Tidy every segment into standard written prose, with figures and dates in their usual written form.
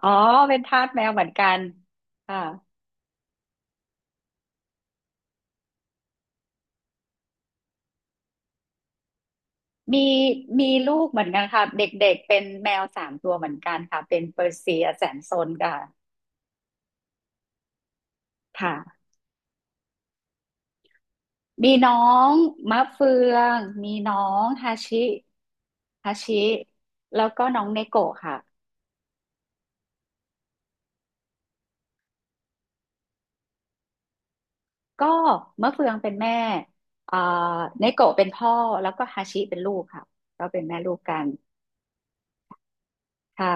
อ๋อเป็นทาสแมวเหมือนกันค่ะมีมีลูกเหมือนกันค่ะเด็กๆเป็นแมวสามตัวเหมือนกันค่ะเป็นเปอร์เซียแสนซนค่ะค่ะมีน้องมะเฟืองมีน้องฮาชิฮาชิแล้วก็น้องเนโกะค่ะก็มะเฟืองเป็นแม่อ่าเนโกะเป็นพ่อแล้วก็ฮาชิเป็นลูกค่ะก็เป็นแม่ลูกกันค่ะ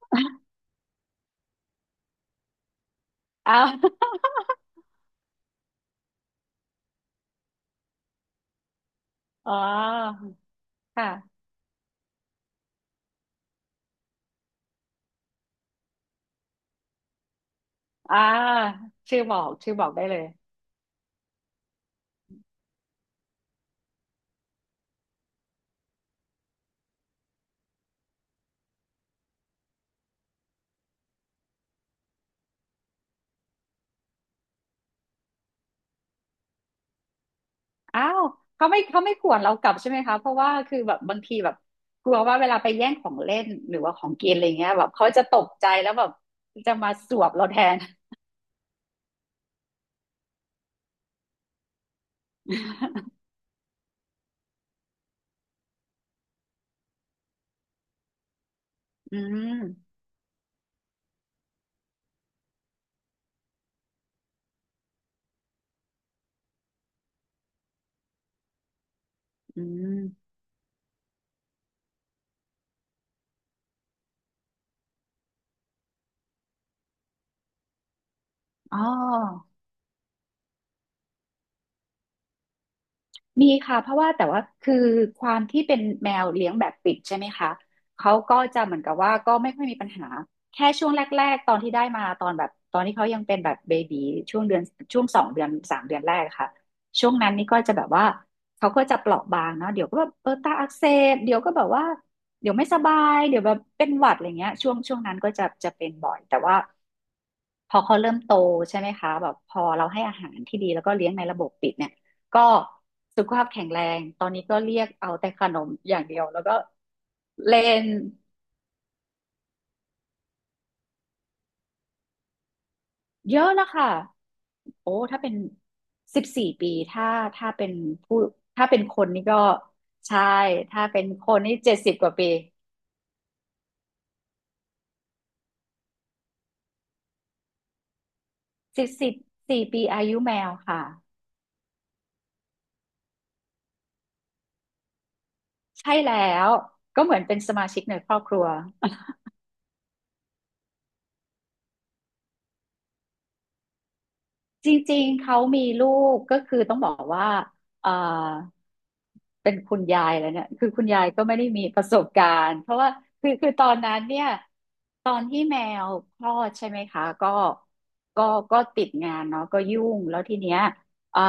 อ้าวอ๋อค่ะอ่าชื่อบอกได้เลย อ้าวเขาไม่ข่วนเรากลับใช่ไหมคะเพราะว่าคือแบบบางทีแบบกลัวว่าเวลาไปแย่งของเล่นหรือว่าของกินอะไรเงี้ยแบบเขาจะตกใจแล้วแบบจะมาสวบเราแทน อืมอืมอ๋อ มีค่ะเพราะว่าแต่ว่าคือความที่เป็นแมวเลี้ยงแบบปิดใช่ไหมคะเขาก็จะเหมือนกับว่าก็ไม่ค่อยมีปัญหาแค่ช่วงแรกๆตอนที่ได้มาตอนแบบตอนที่เขายังเป็นแบบเบบีช่วงเดือนช่วงสองเดือนสามเดือนแรกค่ะช่วงนั้นนี่ก็จะแบบว่าเขาก็จะเปราะบางเนาะเดี๋ยวก็แบบตาอักเสบเดี๋ยวก็แบบว่าเดี๋ยวไม่สบายเดี๋ยวแบบเป็นหวัดอะไรเงี้ยช่วงนั้นก็จะเป็นบ่อยแต่ว่าพอเขาเริ่มโตใช่ไหมคะแบบพอเราให้อาหารที่ดีแล้วก็เลี้ยงในระบบปิดเนี่ย ก็สุขภาพแข็งแรง ตอนนี้ก็เรียกเอาแต่ขนมอย่างเดียวแล้วก็เล่นเยอะแล้วค่ะโอ้ถ้าเป็นสิบสี่ปีถ้าเป็นผู้ถ้าเป็นคนนี่ก็ใช่ ถ้าเป็นคนนี่70 กว่าปีสิบสี่ปีอายุแมวค่ะใช่แล้วก็เหมือนเป็นสมาชิกในครอบครัว จริงๆ เขามีลูกก็คือต้องบอกว่าเอ่อเป็นคุณยายแล้วเนี่ยคือคุณยายก็ไม่ได้มีประสบการณ์เพราะว่าคือตอนนั้นเนี่ยตอนที่แมวคลอดใช่ไหมคะก็ก็ติดงานเนาะก็ยุ่งแล้วทีเนี้ยเอ่อ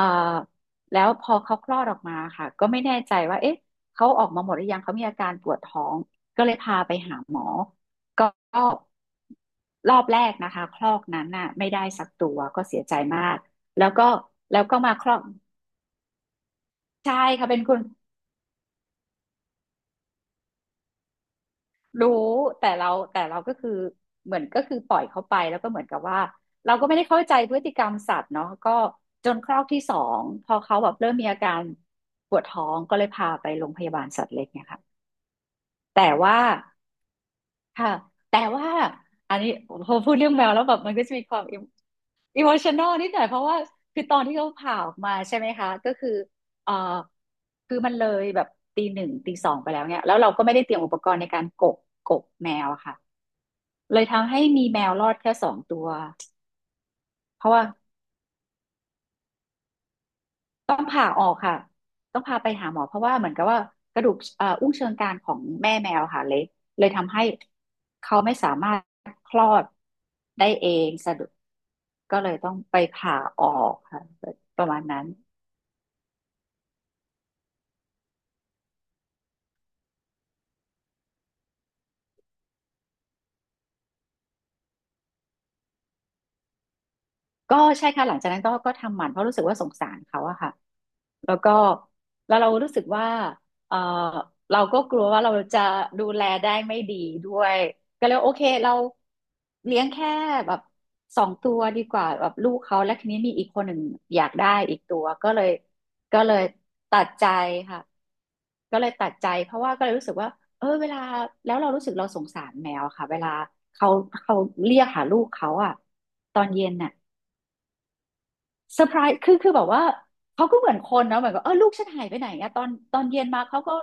แล้วพอเขาคลอดออกมาค่ะก็ไม่แน่ใจว่าเอ๊ะเขาออกมาหมดหรือยังเขามีอาการปวดท้องก็เลยพาไปหาหมอ ก็รอบแรกนะคะคลอกนั้นน่ะไม่ได้สักตัวก็เสียใจมากแล้วก็มาคลอกใช่ค่ะเป็นคนรู้แต่เราแต่เราก็คือเหมือนก็คือปล่อยเขาไปแล้วก็เหมือนกับว่าเราก็ไม่ได้เข้าใจพฤติกรรมสัตว์เนาะก็จนคลอกที่สองพอเขาแบบเริ่มมีอาการปวดท้องก็เลยพาไปโรงพยาบาลสัตว์เล็กเนี่ยค่ะแต่ว่า ค่ะแต่ว่าอันนี้พอพูดเรื่องแมวแล้วแบบมันก็จะมีความอิโมชัน a ลนิดหน่อยเพราะว่าคือตอนที่เขาผ่าออกมาใช่ไหมคะก็คือเอ่อคือมันเลยแบบตีหนึ่งตีสองไปแล้วเนี่ยแล้วเราก็ไม่ได้เตรียมอุปกรณ์ในการกบแมวอะค่ะเลยทำให้มีแมวรอดแค่สองตัวเพราะว่า ต้องผ่าออกค่ะต้องพาไปหาหมอเพราะว่าเหมือนกับว่ากระดูกอุ้งเชิงกรานของแม่แมวค่ะเละเลยทำให้เขาไม่สามารถคลอดได้เองสะดุดก็เลยต้องไปผ่าออกค่ะประมาณนั้น ก็ใช่ค่ะหลังจากนั้นก็ทำหมันเพราะรู้สึกว่าสงสารเขาอะค่ะแล้วก็แล้วเรารู้สึกว่าเออเราก็กลัวว่าเราจะดูแลได้ไม่ดีด้วยก็เลยโอเคเราเลี้ยงแค่แบบสองตัวดีกว่าแบบลูกเขาและทีนี้มีอีกคนหนึ่งอยากได้อีกตัวก็เลยก็เลยตัดใจค่ะก็เลยตัดใจเพราะว่าก็เลยรู้สึกว่าเออเวลาแล้วเรารู้สึกเราสงสารแมวค่ะเวลาเขาเขาเรียกหาลูกเขาอะตอนเย็นน่ะ เซอร์ไพรส์คือแบบว่าเขาก็เหมือนคนเนาะเหมือนกับเออลูกฉันหายไปไหนอะตอนเย็นมาเขาก็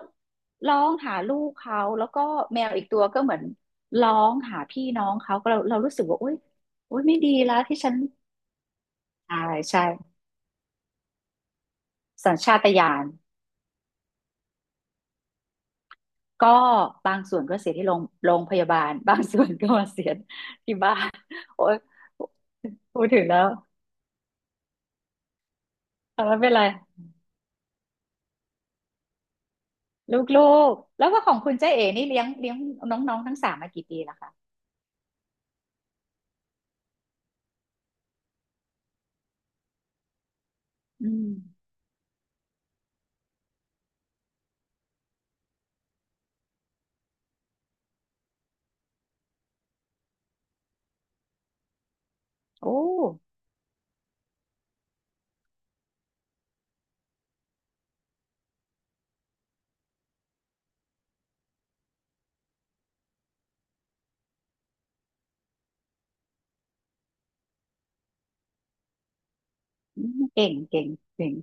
ร้องหาลูกเขาแล้วก็แมวอีกตัวก็เหมือนร้องหาพี่น้องเขาก็เรารู้สึกว่าโอ๊ยโอ๊ยไม่ดีแล้วที่ฉันใช่ใช่สัญชาตญาณก็บางส่วนก็เสียที่โรงพยาบาล บางส่วนก็มาเสียที่บ้าน โอ๊ยพูดถึงแล้วแต่ไม่เป็นไรลูกๆแล้วว่าของคุณเจ๊เอ๋นี่เลี้ยงน้องๆทั้งสามมากี่ปีแล้วคะอืม โอ้อืมเก่งเก่งเก่ง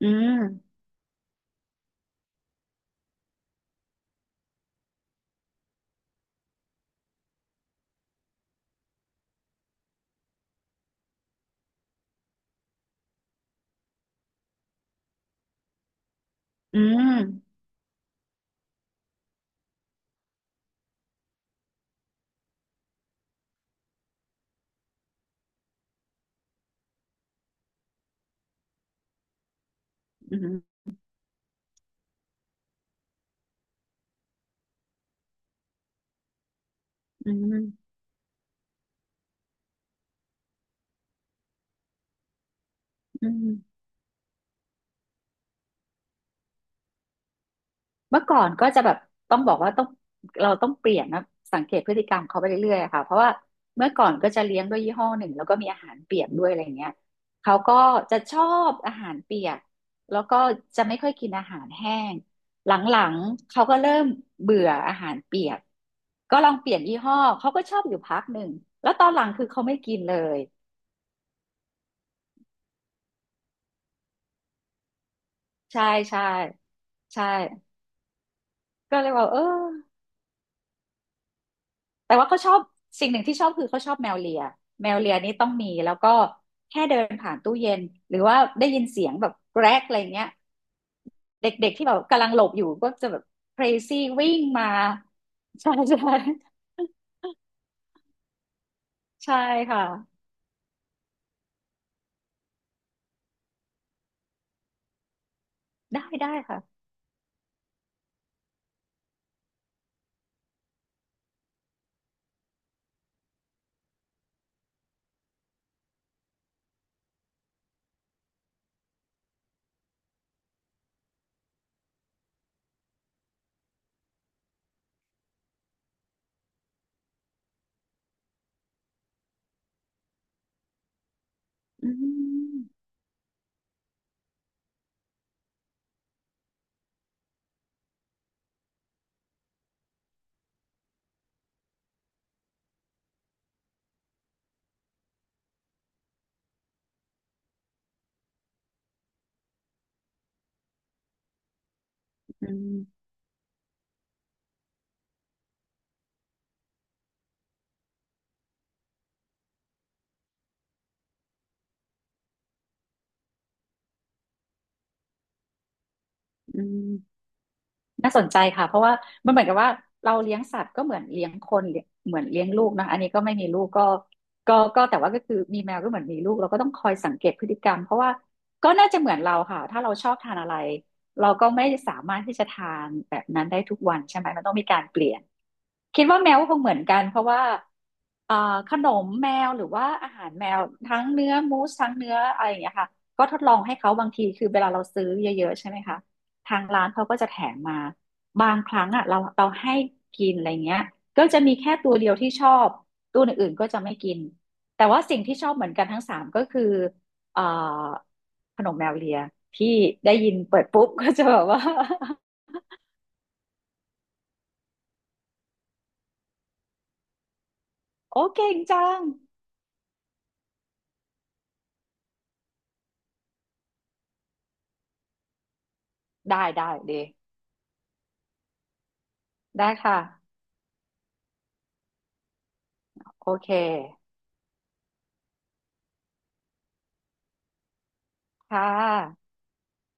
อืมอืมอืมอืมอืมเมื่อก่อนก็จะแบบต้องบอกว่าต้องเราต้องเปลี่ยนนะ สังเกตพฤติกรรมเขาไปเรื่อยๆอะค่ะเพราะว่าเมื่อก่อนก็จะเลี้ยงด้วยยี่ห้อหนึ่งแล้วก็มีอาหารเปียกด้วยอะไรเงี้ยเขาก็จะชอบอาหารเปียกแล้วก็จะไม่ค่อยกินอาหารแห้งหลังๆเขาก็เริ่มเบื่ออาหารเปียกก็ลองเปลี่ยนยี่ห้อเขาก็ชอบอยู่พักหนึ่ง แล้วตอนหลังคือเขาไม่กินเลย ใช่ใช่ใช่ก็เลยว่าเออแต่ว่าเขาชอบสิ่งหนึ่งที่ชอบคือเขาชอบแมวเลียแมวเลียนี่ต้องมีแล้วก็แค่เดินผ่านตู้เย็นหรือว่าได้ยินเสียงแบบแกรกอะไรเงี้ยเด็กๆที่แบบกำลังหลบอยู่ก็จะแบบ crazy วิ่งมาใช่ใช่ใช่ค่ะได้ได้ค่ะอืมอืมอืม น่าสนใจค่ะเพราะว่ามันเหมือนกับว่าเราเลี้ยงสัตว์ก็เหมือนเลี้ยงคนเลี้ยเหมือนเลี้ยงลูกนะอันนี้ก็ไม่มีลูกก็แต่ว่าก็คือมีแมวก็เหมือนมีลูกเราก็ต้องคอยสังเกตพฤติกรรมเพราะว่าก็น่าจะเหมือนเราค่ะถ้าเราชอบทานอะไรเราก็ไม่สามารถที่จะทานแบบนั้นได้ทุกวันใช่ไหมมันต้องมีการเปลี่ยนคิดว่าแมวก็คงเหมือนกันเพราะว่าอ่าขนมแมวหรือว่าอาหารแมวทั้งเนื้อมูสทั้งเนื้ออะไรอย่างเงี้ยค่ะก็ทดลองให้เขาบางทีคือเวลาเราซื้อเยอะๆใช่ไหมคะ ทางร้านเขาก็จะแถมมาบางครั้งอ่ะเราให้กินอะไรเงี้ยก็จะมีแค่ตัวเดียวที่ชอบตัวอื่นๆก็จะไม่กินแต่ว่าสิ่งที่ชอบเหมือนกันทั้งสามก็คือเอ่อขนมแมวเลียที่ได้ยินเปิดปุ๊บ ก็จะแบบว่า โอคเก่งจังได้ได้เดได้ค่ะโอเคค่ะ